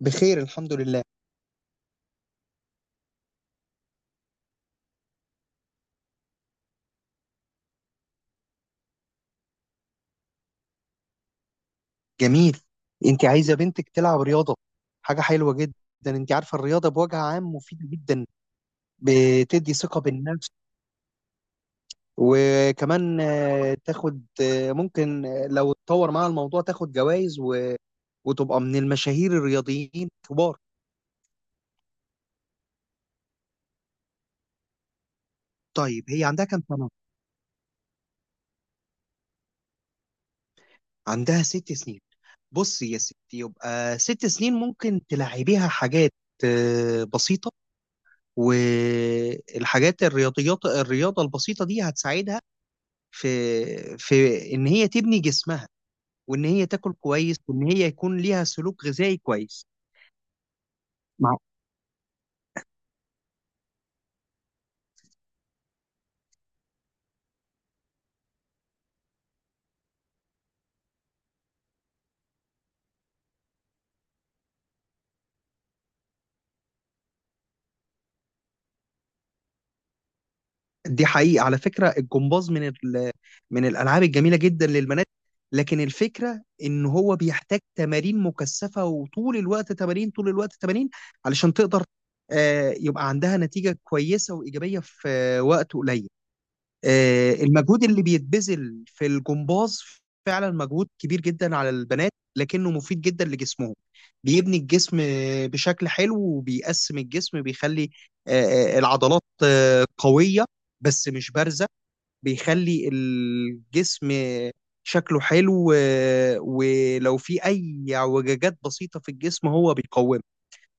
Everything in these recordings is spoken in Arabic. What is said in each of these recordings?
بخير الحمد لله. جميل. انت عايزه بنتك تلعب رياضه، حاجه حلوه جدا. انت عارفه الرياضه بوجه عام مفيده جدا، بتدي ثقه بالنفس. وكمان تاخد ممكن لو اتطور مع الموضوع تاخد جوائز وتبقى من المشاهير الرياضيين الكبار. طيب هي عندها كام سنه؟ عندها 6 سنين. بصي يا ستي، يبقى 6 سنين ممكن تلعبيها حاجات بسيطه، والحاجات الرياضيات، الرياضه البسيطه دي هتساعدها في في ان هي تبني جسمها، وان هي تاكل كويس، وان هي يكون ليها سلوك غذائي كويس. مع دي حقيقة، على فكرة الجمباز من من الالعاب الجميلة جدا للبنات، لكن الفكرة ان هو بيحتاج تمارين مكثفة، وطول الوقت تمارين، طول الوقت تمارين علشان تقدر يبقى عندها نتيجة كويسة وإيجابية في وقت قليل. المجهود اللي بيتبذل في الجمباز فعلا مجهود كبير جدا على البنات، لكنه مفيد جدا لجسمهم. بيبني الجسم بشكل حلو، وبيقسم الجسم، بيخلي العضلات قوية بس مش بارزة، بيخلي الجسم شكله حلو، ولو في أي اعوجاجات بسيطة في الجسم هو بيقومها.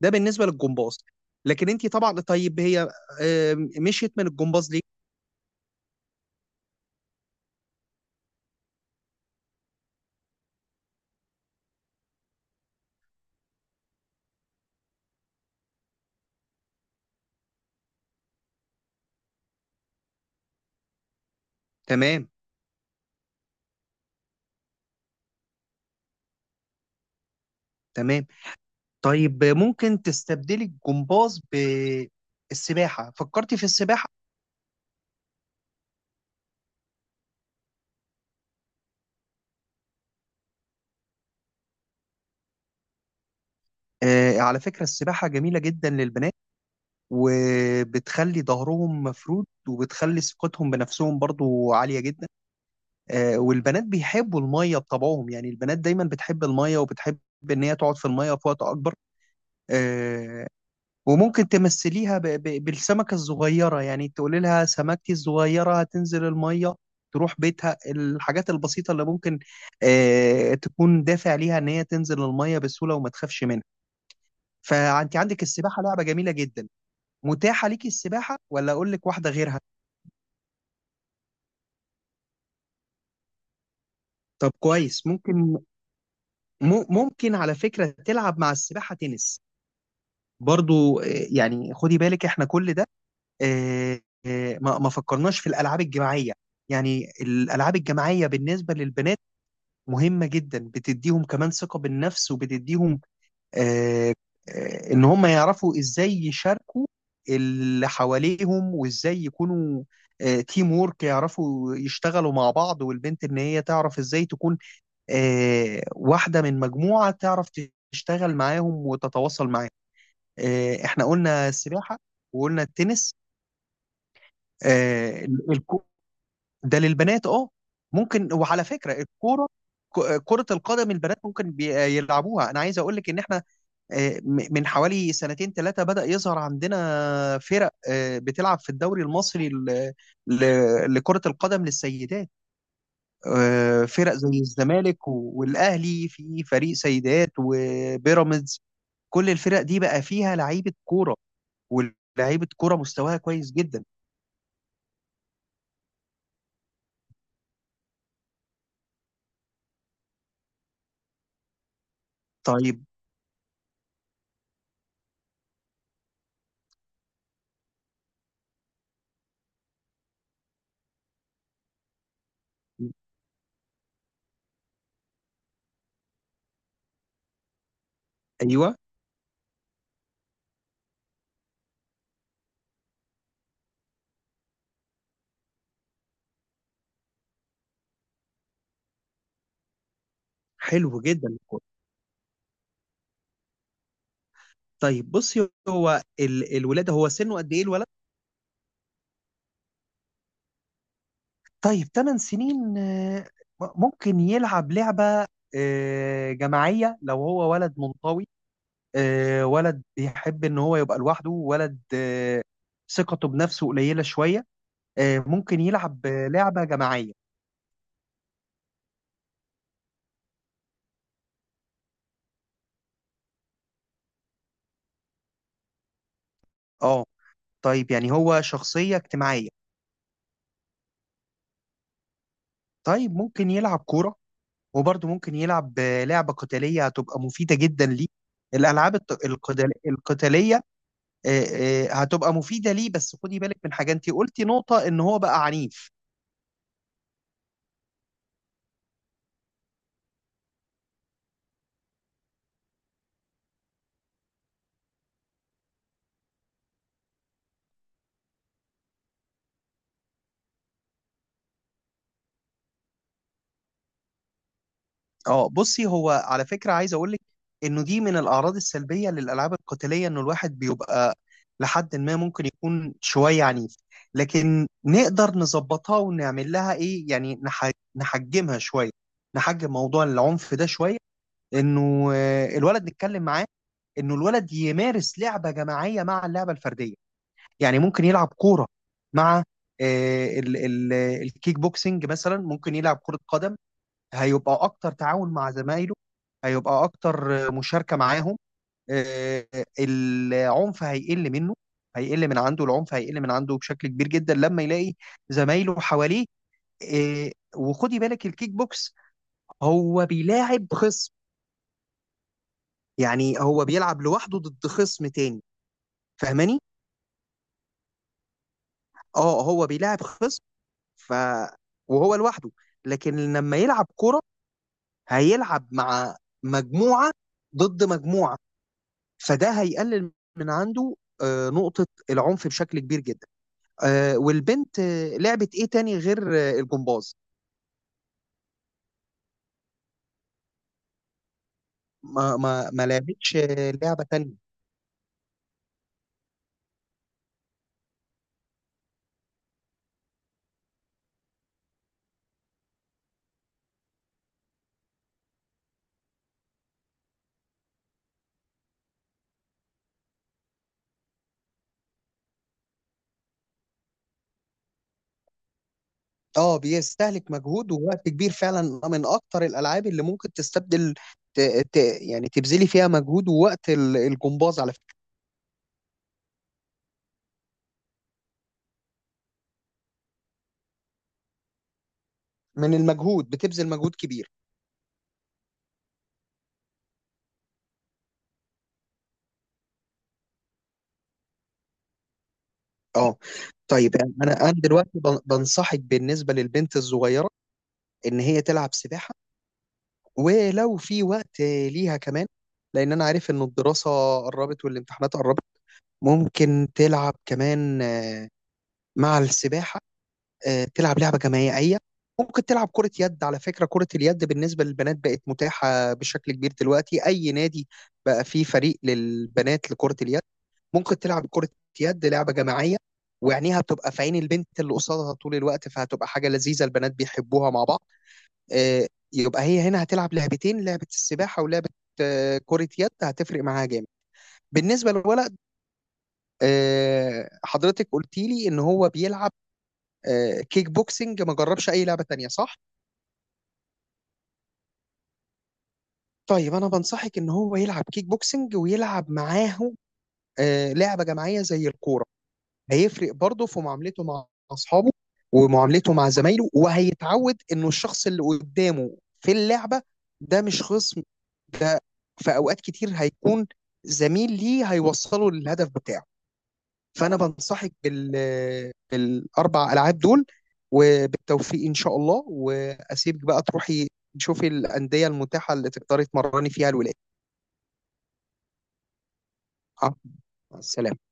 ده بالنسبة للجمباز. لكن انت طبعا، طيب هي مشيت من الجمباز ليه؟ تمام، تمام. طيب ممكن تستبدلي الجمباز بالسباحة، فكرتي في السباحة؟ على فكرة السباحة جميلة جدا للبنات، وبتخلي ظهرهم مفرود، وبتخلي ثقتهم بنفسهم برضو عالية جدا. والبنات بيحبوا المية بطبعهم، يعني البنات دايما بتحب المية، وبتحب ان هي تقعد في المية في وقت اكبر. آه وممكن تمثليها بالسمكة الصغيرة، يعني تقولي لها سمكتي الصغيرة هتنزل المية، تروح بيتها. الحاجات البسيطة اللي ممكن تكون دافع ليها ان هي تنزل المية بسهولة وما تخافش منها. فانت عندك السباحة لعبة جميلة جدا، متاحة ليكي السباحة ولا اقول لك واحدة غيرها؟ طب كويس، ممكن ممكن على فكرة تلعب مع السباحة تنس برضو. يعني خدي بالك احنا كل ده آه، ما ما فكرناش في الالعاب الجماعيه. يعني الالعاب الجماعيه بالنسبه للبنات مهمه جدا، بتديهم كمان ثقه بالنفس، وبتديهم آه، ان هم يعرفوا ازاي يشاركوا اللي حواليهم، وازاي يكونوا تيم وورك، يعرفوا يشتغلوا مع بعض، والبنت ان هي تعرف ازاي تكون واحده من مجموعه، تعرف تشتغل معاهم وتتواصل معاهم. احنا قلنا السباحه وقلنا التنس آه، الكورة. ده للبنات اه، ممكن، وعلى فكره الكوره، كرة القدم البنات ممكن يلعبوها. أنا عايز أقول لك إن إحنا من حوالي سنتين ثلاثة بدأ يظهر عندنا فرق بتلعب في الدوري المصري لكرة القدم للسيدات. فرق زي الزمالك والأهلي، في فريق سيدات، وبيراميدز، كل الفرق دي بقى فيها لعيبة كورة، ولاعيبة كورة مستواها كويس جدا. طيب، أيوه، حلو جدا. طيب بصي هو الولاد، هو سنه قد ايه الولد؟ طيب 8 سنين، ممكن يلعب لعبة جماعية لو هو ولد منطوي، ولد بيحب ان هو يبقى لوحده، ولد ثقته بنفسه قليلة شوية، ممكن يلعب لعبة جماعية. اه، طيب يعني هو شخصية اجتماعية. طيب ممكن يلعب كورة، وبرضه ممكن يلعب لعبة قتالية هتبقى مفيدة جدا ليه، الألعاب القتالية هتبقى مفيدة ليه. بس خدي بالك من حاجة، انت قلتي نقطة ان هو بقى عنيف. اه، بصي هو على فكرة عايز اقول لك انه دي من الاعراض السلبية للالعاب القتالية، انه الواحد بيبقى لحد ما ممكن يكون شوية عنيف، لكن نقدر نظبطها ونعمل لها ايه، يعني نحجمها شوية، نحجم موضوع العنف ده شوية، انه الولد نتكلم معاه، انه الولد يمارس لعبة جماعية مع اللعبة الفردية. يعني ممكن يلعب كورة مع الكيك بوكسنج، مثلا ممكن يلعب كرة قدم، هيبقى أكتر تعاون مع زمايله، هيبقى أكتر مشاركة معاهم. آه، العنف هيقل منه، هيقل من عنده، العنف هيقل من عنده بشكل كبير جدا لما يلاقي زمايله حواليه. وخدي بالك الكيك بوكس هو بيلاعب خصم، يعني هو بيلعب لوحده ضد خصم تاني، فاهماني؟ اه هو بيلاعب خصم ف وهو لوحده، لكن لما يلعب كرة هيلعب مع مجموعة ضد مجموعة، فده هيقلل من عنده نقطة العنف بشكل كبير جدا. والبنت لعبت ايه تاني غير الجمباز؟ ما لعبتش لعبة تانية. اه بيستهلك مجهود ووقت كبير فعلا، من اكتر الالعاب اللي ممكن تستبدل ت... ت... يعني تبذلي فيها مجهود ووقت، الجمباز على فكرة، من المجهود، بتبذل مجهود كبير. اه، طيب يعني انا دلوقتي بنصحك بالنسبه للبنت الصغيره ان هي تلعب سباحه، ولو في وقت ليها كمان، لان انا عارف ان الدراسه قربت والامتحانات قربت. ممكن تلعب كمان مع السباحه تلعب لعبة جماعية، ممكن تلعب كرة يد. على فكرة كرة اليد بالنسبة للبنات بقت متاحة بشكل كبير دلوقتي، أي نادي بقى فيه فريق للبنات لكرة اليد. ممكن تلعب كرة يد، لعبة جماعية، ويعنيها بتبقى في عين البنت اللي قصادها طول الوقت، فهتبقى حاجة لذيذة، البنات بيحبوها مع بعض. آه، يبقى هي هنا هتلعب لعبتين، لعبة السباحة ولعبة كرة يد، هتفرق معاها جامد. بالنسبة للولد، حضرتك قلتي لي إن هو بيلعب كيك بوكسنج، ما جربش أي لعبة تانية صح؟ طيب انا بنصحك ان هو يلعب كيك بوكسنج ويلعب معاه لعبه جماعيه زي الكوره، هيفرق برضه في معاملته مع اصحابه، ومعاملته مع زمايله، وهيتعود انه الشخص اللي قدامه في اللعبه ده مش خصم، ده في اوقات كتير هيكون زميل ليه هيوصله للهدف بتاعه. فانا بنصحك بالاربع العاب دول، وبالتوفيق ان شاء الله، واسيبك بقى تروحي تشوفي الانديه المتاحه اللي تقدري تمرني فيها الولاد. آه، مع السلامة.